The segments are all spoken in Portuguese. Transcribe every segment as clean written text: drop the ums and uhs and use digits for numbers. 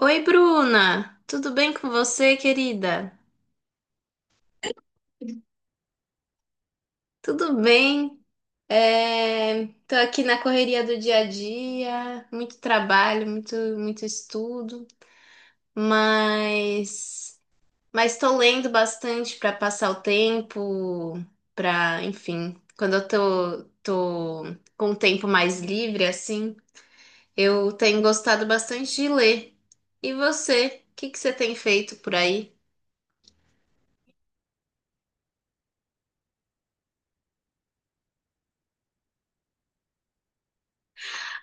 Oi, Bruna! Tudo bem com você, querida? Tudo bem? Tô aqui na correria do dia a dia, muito trabalho, muito, muito estudo, mas mas estou lendo bastante para passar o tempo, para, enfim, quando eu tô com o tempo mais livre, assim, eu tenho gostado bastante de ler. E você? O que que você tem feito por aí?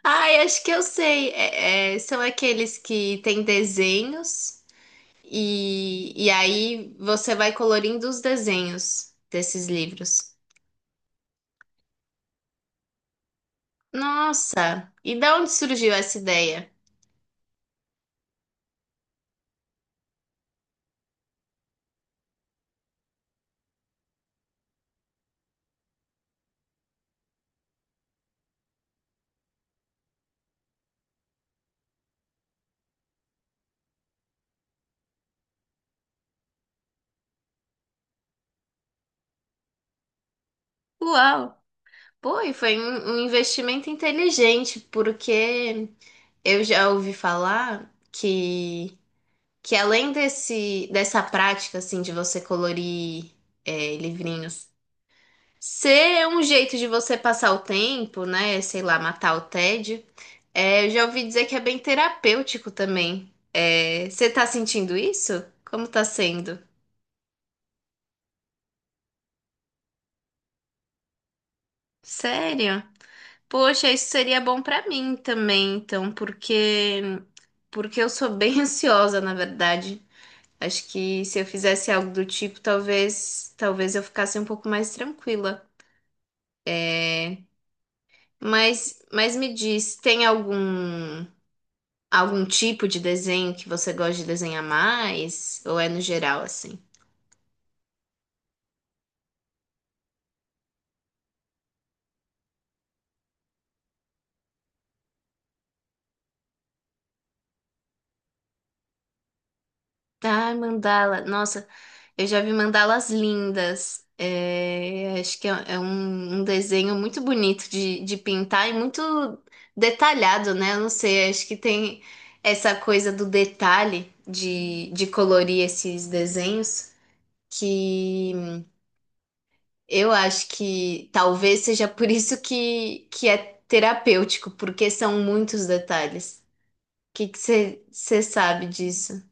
Ai, acho que eu sei. São aqueles que têm desenhos e aí você vai colorindo os desenhos desses livros. Nossa! E da onde surgiu essa ideia? Uau! Pô, e foi um investimento inteligente, porque eu já ouvi falar que além dessa prática assim, de você colorir livrinhos ser um jeito de você passar o tempo, né? Sei lá, matar o tédio. É, eu já ouvi dizer que é bem terapêutico também. É, você tá sentindo isso? Como tá sendo? Sério? Poxa, isso seria bom pra mim também, então, porque eu sou bem ansiosa, na verdade. Acho que se eu fizesse algo do tipo, talvez eu ficasse um pouco mais tranquila. Mas me diz, tem algum tipo de desenho que você gosta de desenhar mais? Ou é no geral assim? Ah, mandala. Nossa, eu já vi mandalas lindas. É, acho que é um desenho muito bonito de pintar e muito detalhado, né? Eu não sei, acho que tem essa coisa do detalhe de colorir esses desenhos que eu acho que talvez seja por isso que é terapêutico, porque são muitos detalhes. Que você sabe disso?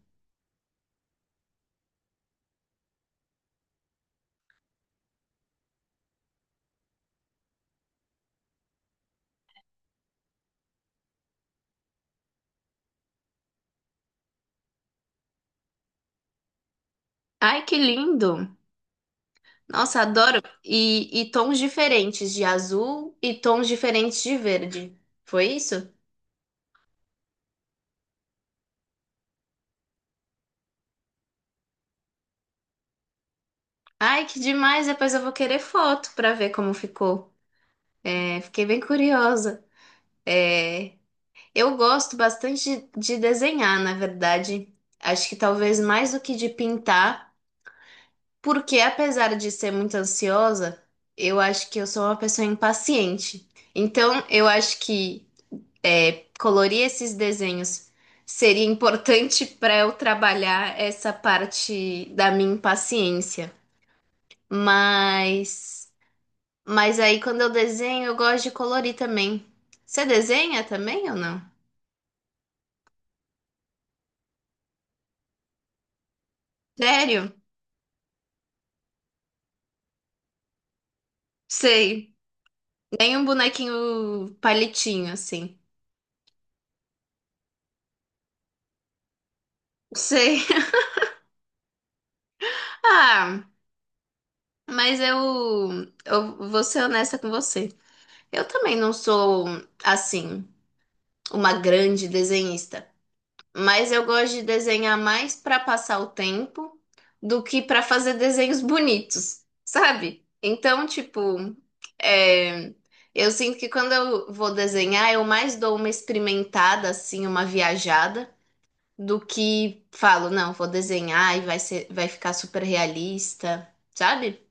Ai, que lindo! Nossa, adoro. E tons diferentes de azul e tons diferentes de verde. Foi isso? Ai, que demais! Depois eu vou querer foto para ver como ficou. É, fiquei bem curiosa. É, eu gosto bastante de desenhar, na verdade. Acho que talvez mais do que de pintar, porque apesar de ser muito ansiosa, eu acho que eu sou uma pessoa impaciente. Então, eu acho que colorir esses desenhos seria importante para eu trabalhar essa parte da minha impaciência. Mas, mas aí quando eu desenho, eu gosto de colorir também. Você desenha também ou não? Sério? Sei. Nem um bonequinho palitinho assim. Sei. Ah, mas eu vou ser honesta com você. Eu também não sou assim uma grande desenhista. Mas eu gosto de desenhar mais para passar o tempo do que para fazer desenhos bonitos, sabe? Então, tipo, é, eu sinto que quando eu vou desenhar, eu mais dou uma experimentada, assim, uma viajada, do que falo, não, vou desenhar e vai ser, vai ficar super realista, sabe?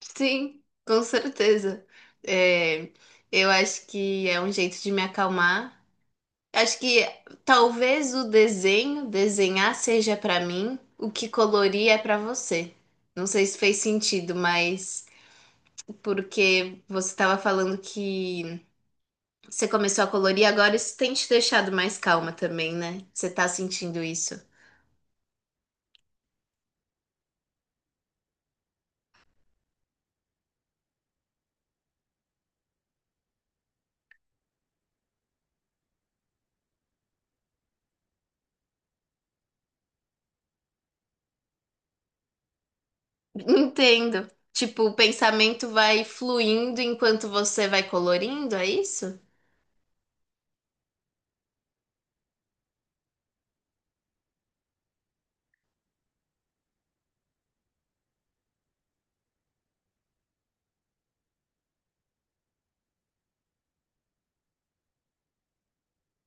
Sim, com certeza. É, eu acho que é um jeito de me acalmar. Acho que talvez o desenho, desenhar seja pra mim, o que colorir é pra você. Não sei se fez sentido, mas porque você estava falando que você começou a colorir, agora isso tem te deixado mais calma também, né? Você tá sentindo isso. Entendo. Tipo, o pensamento vai fluindo enquanto você vai colorindo, é isso?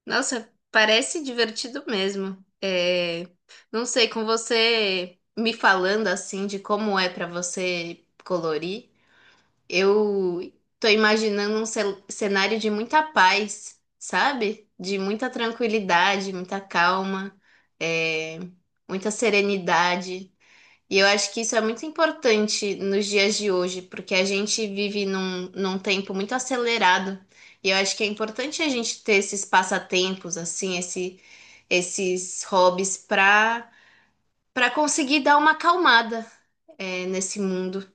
Nossa, parece divertido mesmo. É, não sei, com você me falando assim de como é pra você colorir, eu tô imaginando um cenário de muita paz, sabe? De muita tranquilidade, muita calma, é, muita serenidade. E eu acho que isso é muito importante nos dias de hoje, porque a gente vive num tempo muito acelerado. E eu acho que é importante a gente ter esses passatempos, assim, esses hobbies para conseguir dar uma acalmada, nesse mundo.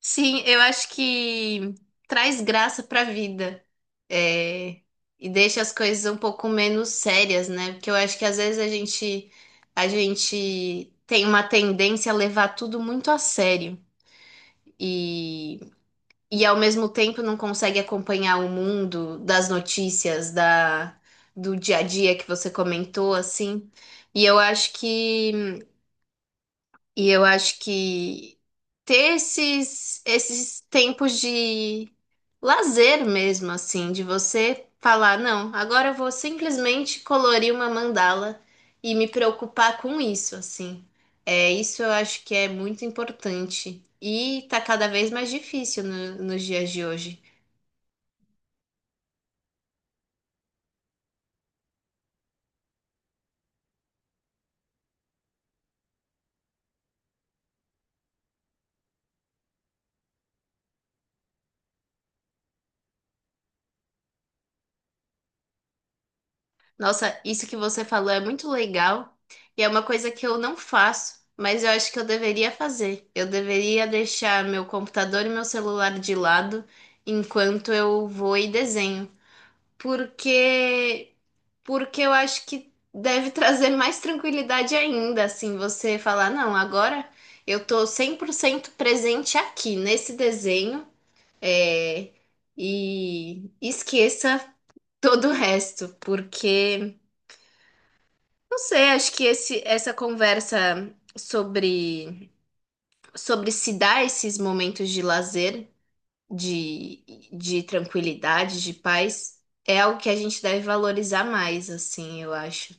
Sim, eu acho que traz graça pra vida. É, e deixa as coisas um pouco menos sérias, né? Porque eu acho que às vezes a gente tem uma tendência a levar tudo muito a sério e e ao mesmo tempo não consegue acompanhar o mundo das notícias da do dia a dia que você comentou assim. E eu acho que e eu acho que ter esses tempos de lazer mesmo, assim, de você falar, não, agora eu vou simplesmente colorir uma mandala e me preocupar com isso, assim. É, isso eu acho que é muito importante. E tá cada vez mais difícil nos dias de hoje. Nossa, isso que você falou é muito legal e é uma coisa que eu não faço, mas eu acho que eu deveria fazer. Eu deveria deixar meu computador e meu celular de lado enquanto eu vou e desenho, porque porque eu acho que deve trazer mais tranquilidade ainda, assim, você falar, não, agora eu tô 100% presente aqui nesse desenho, é, e esqueça todo o resto, porque não sei, acho que essa conversa sobre, sobre se dar esses momentos de lazer, de, de tranquilidade, de paz, é algo que a gente deve valorizar mais, assim, eu acho.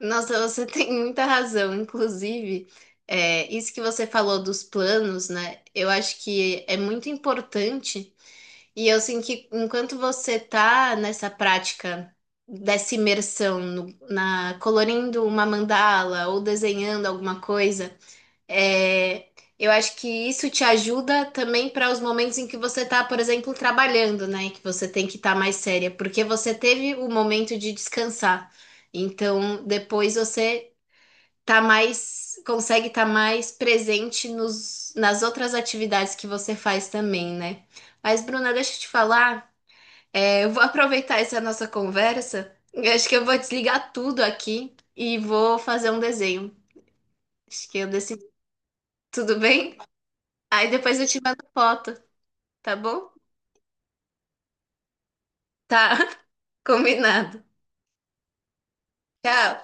Nossa, você tem muita razão. Inclusive, é, isso que você falou dos planos, né? Eu acho que é muito importante. E eu sinto que enquanto você tá nessa prática dessa imersão na colorindo uma mandala ou desenhando alguma coisa, é, eu acho que isso te ajuda também para os momentos em que você tá, por exemplo, trabalhando, né? Que você tem que estar mais séria, porque você teve o momento de descansar. Então, depois você tá mais, consegue estar mais presente nas outras atividades que você faz também, né? Mas, Bruna, deixa eu te falar. É, eu vou aproveitar essa nossa conversa. Eu acho que eu vou desligar tudo aqui e vou fazer um desenho. Acho que eu decidi. Tudo bem? Aí depois eu te mando foto, tá bom? Tá, combinado. Tchau.